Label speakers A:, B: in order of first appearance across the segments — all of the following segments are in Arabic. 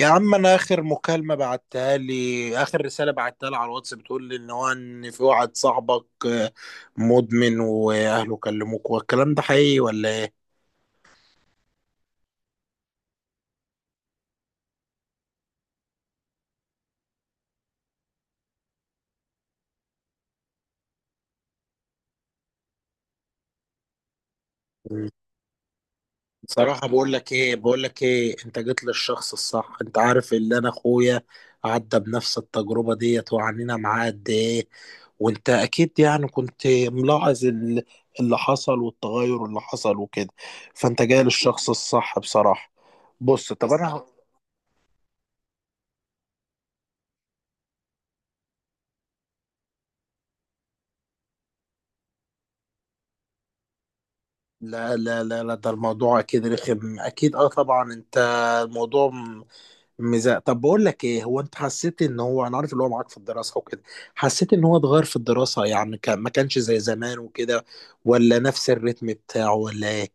A: يا عم انا اخر مكالمه بعتها لي، اخر رساله بعتها لي على الواتس، بتقول لي ان هو، ان في واحد صاحبك مدمن واهله كلموك، والكلام ده حقيقي ولا ايه؟ مم. بصراحه بقول لك ايه، انت جيت للشخص الصح. انت عارف اللي، انا اخويا عدى بنفس التجربه ديت، وعنينا معاه قد ايه. وانت اكيد يعني كنت ملاحظ اللي حصل، والتغير اللي حصل وكده. فانت جاي للشخص الصح بصراحه. بص طب انا، لا، ده الموضوع اكيد رخم، اكيد اه طبعا. انت الموضوع مزاق. طب بقول لك ايه، هو انت حسيت ان هو، انا عارف اللي هو معاك في الدراسه وكده، حسيت ان هو اتغير في الدراسه؟ يعني كان، ما كانش زي زمان وكده، ولا نفس الريتم بتاعه ولا ايه؟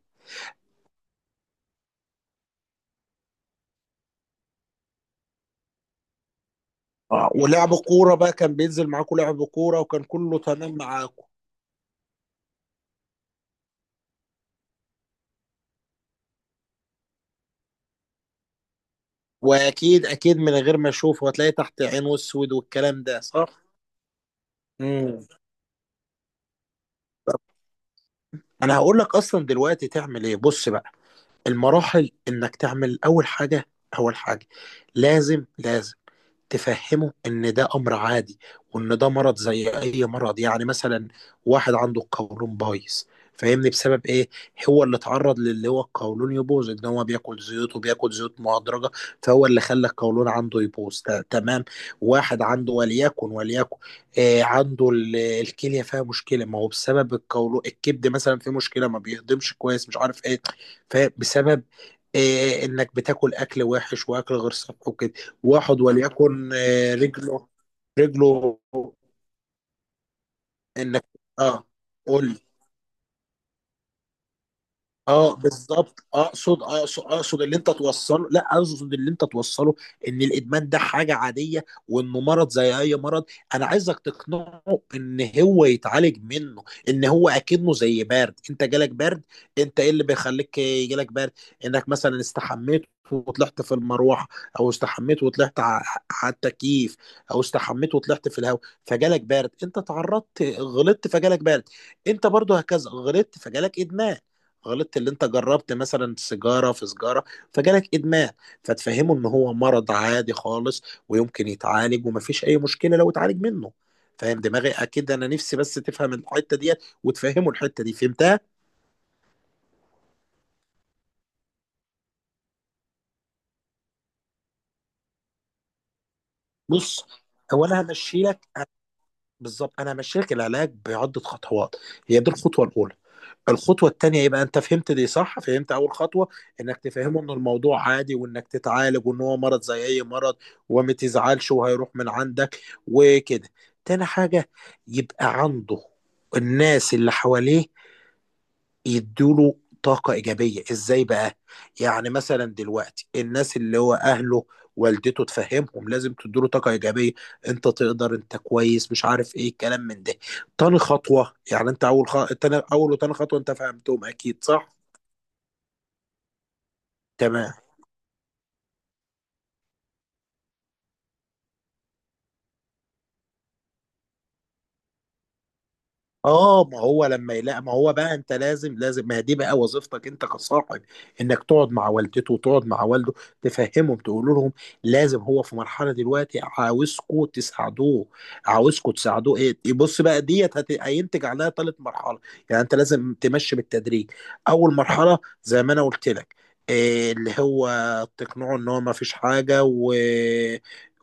A: ولعب كوره بقى، كان بينزل معاكوا لعب كوره وكان كله تمام معاكوا. واكيد اكيد من غير ما اشوف، هتلاقي تحت عينه اسود، والكلام ده صح. امم انا هقول لك اصلا دلوقتي تعمل ايه. بص بقى المراحل، انك تعمل اول حاجه، اول حاجه، لازم لازم تفهمه ان ده امر عادي، وان ده مرض زي اي مرض. يعني مثلا واحد عنده القولون بايظ، فاهمني؟ بسبب ايه هو اللي اتعرض للي هو القولون يبوظ؟ ان هو بياكل زيوت، وبياكل زيوت مهدرجه، فهو اللي خلى القولون عنده يبوظ. تمام. واحد عنده، وليكن وليكن آه، عنده الكليه فيها مشكله. ما هو بسبب القولون. الكبد مثلا فيه مشكله ما بيهضمش كويس، مش عارف ايه، فبسبب إيه؟ انك بتاكل اكل وحش، واكل غير صحي وكده. واحد وليكن رجله، رجله انك اه، قول لي. اه بالظبط. اقصد اللي انت توصله، لا، اقصد اللي انت توصله، ان الادمان ده حاجه عاديه، وانه مرض زي اي مرض. انا عايزك تقنعه ان هو يتعالج منه، ان هو اكنه زي برد. انت جالك برد، انت ايه اللي بيخليك يجيلك برد؟ انك مثلا استحميت وطلعت في المروحه، او استحميت وطلعت على التكييف، او استحميت وطلعت في الهواء، فجالك برد. انت تعرضت غلطت فجالك برد. انت برضو هكذا غلطت فجالك ادمان. غلطت اللي انت جربت مثلا سيجاره في سيجاره فجالك ادمان. فتفهمه ان هو مرض عادي خالص، ويمكن يتعالج، ومفيش اي مشكله لو اتعالج منه. فاهم دماغي؟ اكيد، انا نفسي بس تفهم الحته ديت وتفهمه الحته دي، فهمتها. بص، هو انا همشي لك بالظبط، انا همشيلك العلاج بعده خطوات. هي دي الخطوه الاولى. الخطوه التانيه، يبقى انت فهمت دي صح، فهمت اول خطوه، انك تفهمه ان الموضوع عادي، وانك تتعالج، وان هو مرض زي اي مرض، وما تزعلش وهيروح من عندك وكده. تاني حاجه، يبقى عنده الناس اللي حواليه يدوله طاقة إيجابية. إزاي بقى؟ يعني مثلا دلوقتي الناس اللي هو أهله، والدته، تفهمهم لازم تدوله طاقة إيجابية. أنت تقدر، أنت كويس، مش عارف إيه الكلام من ده. تاني خطوة، يعني أنت أول وتاني خطوة أنت فهمتهم أكيد صح؟ تمام. اه، ما هو لما يلاقي، ما هو بقى، انت لازم لازم، ما هي دي بقى وظيفتك انت كصاحب، انك تقعد مع والدته وتقعد مع والده، تفهمهم، تقول لهم لازم هو في مرحله دلوقتي، عاوزكوا تساعدوه، عاوزكوا تساعدوه. ايه إيه، بص بقى ديت هينتج عليها ثالث مرحله. يعني انت لازم تمشي بالتدريج. اول مرحله، زي ما انا قلت لك، إيه اللي هو تقنعه ان هو ما فيش حاجه و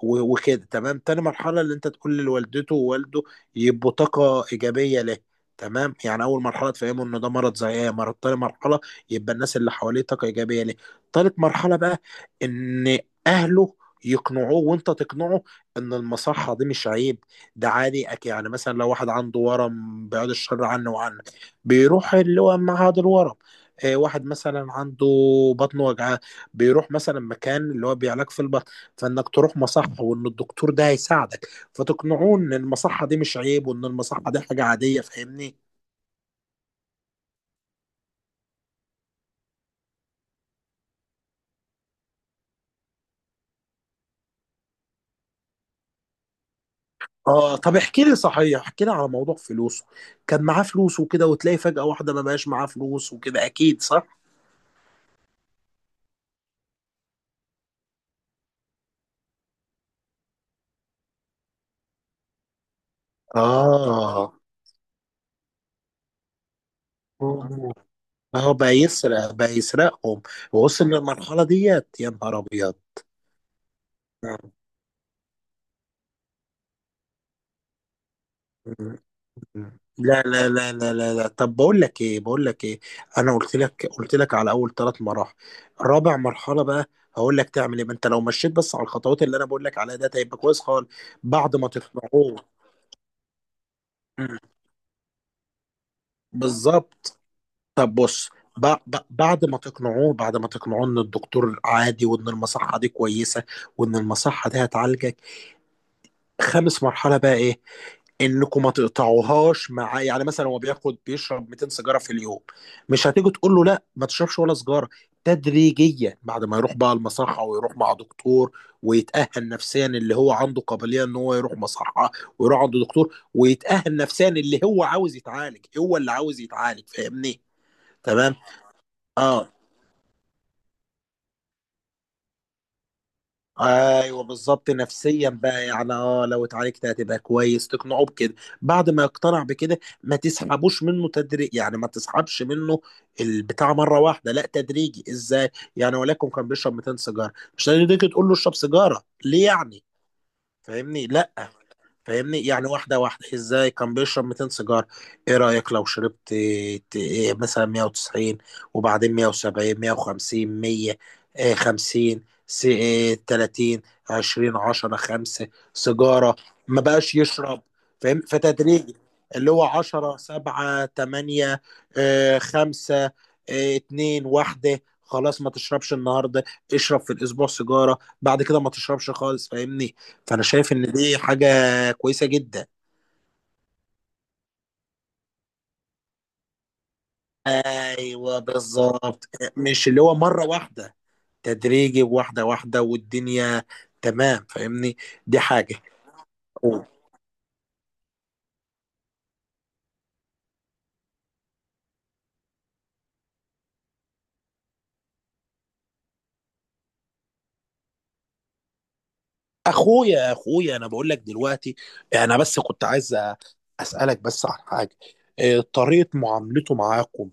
A: وكده. تمام، تاني مرحله، اللي انت تقول لوالدته ووالده يبقوا طاقة إيجابية له. تمام، يعني أول مرحلة تفهموا إن ده مرض زي إيه مرض. تاني مرحلة، يبقى الناس اللي حواليه طاقة إيجابية له. تالت مرحلة بقى، إن أهله يقنعوه، وانت تقنعه، ان المصحة دي مش عيب، ده عادي. يعني مثلا لو واحد عنده ورم، بيعود الشر عنه وعنك، بيروح اللي هو معهد الورم. واحد مثلا عنده بطن وجعاه، بيروح مثلا مكان اللي هو بيعالج في البطن. فانك تروح مصحة، وان الدكتور ده هيساعدك. فتقنعوه ان المصحه دي مش عيب، وان المصحه دي حاجه عاديه، فاهمني؟ اه، طب احكي لي صحيح، احكي لي على موضوع فلوسه. كان معاه فلوس وكده، وتلاقي فجأة واحدة ما بقاش معاه فلوس وكده، اكيد صح؟ اه، اه بقى يسرق، بقى يسرقهم، ووصل للمرحلة ديت؟ يا نهار ابيض. مم. لا، طب بقول لك ايه. انا قلت لك قلت لك على اول ثلاث مراحل. رابع مرحله بقى هقول لك تعمل ايه. ما انت لو مشيت بس على الخطوات اللي انا بقول لك عليها، ده هيبقى كويس خالص. بعد ما تقنعوه، مم. بالظبط. طب بص، بعد ما تقنعوه، بعد ما تقنعوه ان الدكتور عادي، وان المصحه دي كويسه، وان المصحه دي هتعالجك، خامس مرحله بقى ايه، انكم ما تقطعوهاش. مع يعني مثلا هو بياخد بيشرب 200 سيجاره في اليوم، مش هتيجوا تقول له لا ما تشربش ولا سيجاره. تدريجيا بعد ما يروح بقى المصحه، ويروح مع دكتور، ويتاهل نفسيا، اللي هو عنده قابليه ان هو يروح مصحه، ويروح عند دكتور، ويتاهل نفسيا، اللي هو عاوز يتعالج، هو اللي عاوز يتعالج، فاهمني؟ تمام. اه ايوه بالظبط، نفسيا بقى يعني، اه لو اتعالجت هتبقى كويس، تقنعه بكده. بعد ما يقتنع بكده، ما تسحبوش منه تدريج، يعني ما تسحبش منه البتاع مره واحده، لا، تدريجي. ازاي يعني؟ ولكن كان بيشرب 200 سيجاره، مش هتيجي تقول له اشرب سيجاره ليه يعني. فاهمني؟ لا فاهمني، يعني واحدة واحدة. ازاي كان بيشرب 200 سيجار، ايه رأيك لو شربت ت- إيه مثلا 190، وبعدين 170، 150، 100، إيه 50، س- إيه 30، 20، 10، 5 سيجارة، ما بقاش يشرب. فاهم؟ فتدريجي اللي هو 10، 7، 8، إيه 5، إيه 2، 1، خلاص ما تشربش النهارده. اشرب في الاسبوع سيجاره، بعد كده ما تشربش خالص، فاهمني؟ فانا شايف ان دي حاجه كويسه جدا. ايوه بالظبط، مش اللي هو مره واحده، تدريجي، واحده واحده والدنيا تمام، فاهمني؟ دي حاجه. اخويا اخويا، انا بقول لك دلوقتي، انا بس كنت عايز اسالك بس عن حاجه. إيه، طريقه معاملته معاكم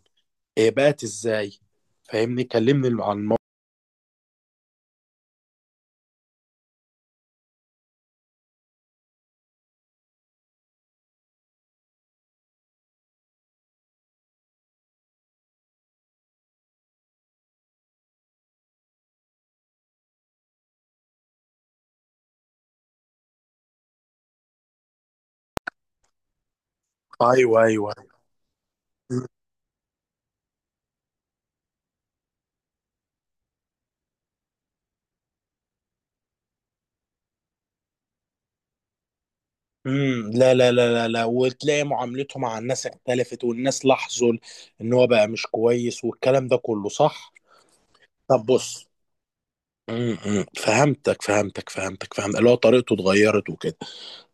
A: إيه، بقت ازاي؟ فاهمني، كلمني عن الموضوع. ايوه، ايوه، لا، وتلاقي معاملته مع الناس اختلفت، والناس لاحظوا ان هو بقى مش كويس، والكلام ده كله صح. طب بص، م- م. فهمتك فهمتك فهمتك، فهمت اللي هو طريقته اتغيرت وكده.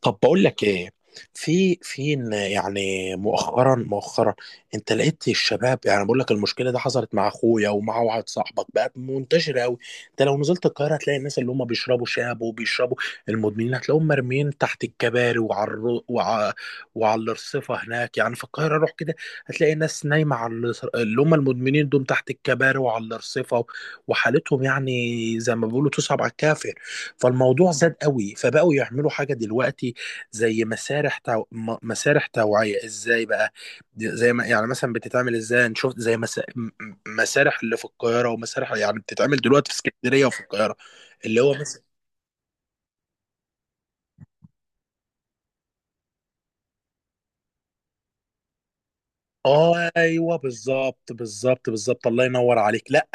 A: طب بقول لك ايه، في في إن، يعني مؤخرا مؤخرا، انت لقيت الشباب، يعني بقول لك المشكله دي حصلت مع اخويا، ومع واحد صاحبك، بقت منتشره قوي. انت لو نزلت القاهره، هتلاقي الناس اللي هم بيشربوا شاب وبيشربوا، المدمنين هتلاقيهم مرميين تحت الكباري وعلى وعلى الرصيفه هناك، يعني في القاهره روح كده، هتلاقي الناس نايمه على اللي هم المدمنين دول تحت الكباري وعلى الرصيفه، وحالتهم يعني زي ما بيقولوا تصعب على الكافر. فالموضوع زاد قوي، فبقوا يعملوا حاجة دلوقتي، زي مسارح توعية. ازاي بقى؟ زي ما يعني مثلا بتتعمل، ازاي، أنا شفت زي مسارح اللي في القاهرة، ومسارح يعني بتتعمل دلوقتي في اسكندرية وفي القاهرة. اللي هو مثلا، ايوه بالظبط بالظبط بالظبط، الله ينور عليك، لا،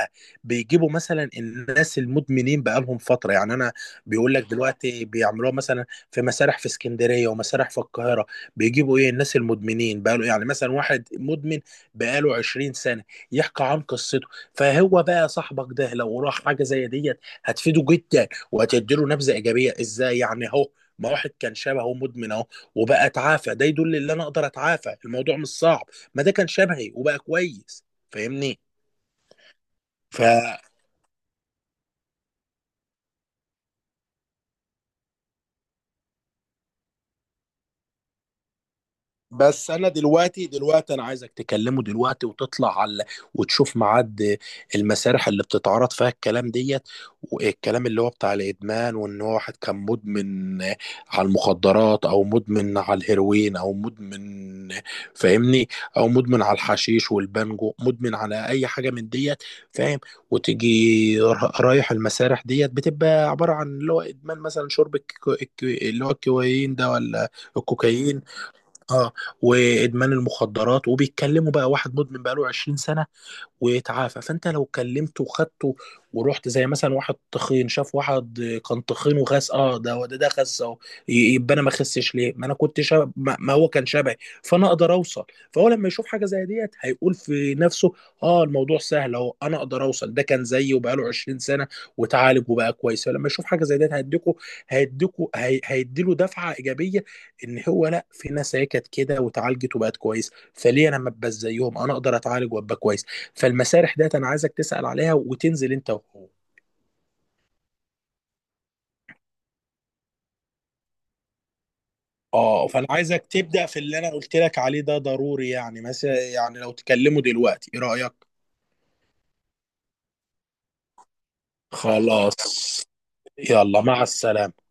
A: بيجيبوا مثلا الناس المدمنين بقالهم فتره، يعني انا، بيقول لك دلوقتي بيعملوها مثلا في مسارح في اسكندريه، ومسارح في القاهره، بيجيبوا ايه الناس المدمنين بقاله، يعني مثلا واحد مدمن بقاله 20 سنه يحكي عن قصته. فهو بقى صاحبك ده لو راح حاجه زي ديت، هتفيده جدا، وهتديله نبذه ايجابيه. ازاي يعني؟ اهو ما واحد كان شبهه مدمن اهو، وبقى اتعافى، ده يدل ان انا اقدر اتعافى، الموضوع مش صعب، ما ده كان شبهي وبقى كويس، فاهمني؟ ف بس انا دلوقتي دلوقتي، انا عايزك تكلمه دلوقتي، وتطلع على، وتشوف ميعاد المسارح اللي بتتعرض فيها الكلام ديت، والكلام اللي هو بتاع الادمان، وان هو واحد كان مدمن على المخدرات، او مدمن على الهيروين، او مدمن، فاهمني، او مدمن على الحشيش والبانجو، مدمن على اي حاجه من ديت، فاهم؟ وتيجي رايح المسارح ديت، بتبقى عباره عن اللي هو ادمان مثلا شرب اللي هو الكوكايين ده، ولا الكوكايين؟ اه، وادمان المخدرات، وبيتكلموا بقى، واحد مدمن بقاله 20 سنه، ويتعافى. فانت لو كلمته وخدته ورحت، زي مثلا واحد تخين شاف واحد كان تخين وخس، اه ده ده ده خس اهو، يبقى انا ما خسش ليه، ما انا كنت شاب، ما ما هو كان شبهي، فانا اقدر اوصل. فهو لما يشوف حاجه زي ديت، هيقول في نفسه اه الموضوع سهل اهو، انا اقدر اوصل، ده كان زيي وبقاله 20 سنه، وتعالج وبقى كويس. فلما يشوف حاجه زي ديت، هيديكوا، هيديكوا، هي هيديله دفعه ايجابيه، ان هو لا، في ناس هي كانت كده وتعالجت وبقت كويس، فليه انا ما ابقاش زيهم، انا اقدر اتعالج وابقى كويس. فالمسارح ديت انا عايزك تسأل عليها وتنزل انت وهو. اه، فانا عايزك تبدأ في اللي انا قلت لك عليه، ده ضروري. يعني مثلا يعني لو تكلمه دلوقتي، ايه رأيك؟ خلاص، يلا، مع السلامة.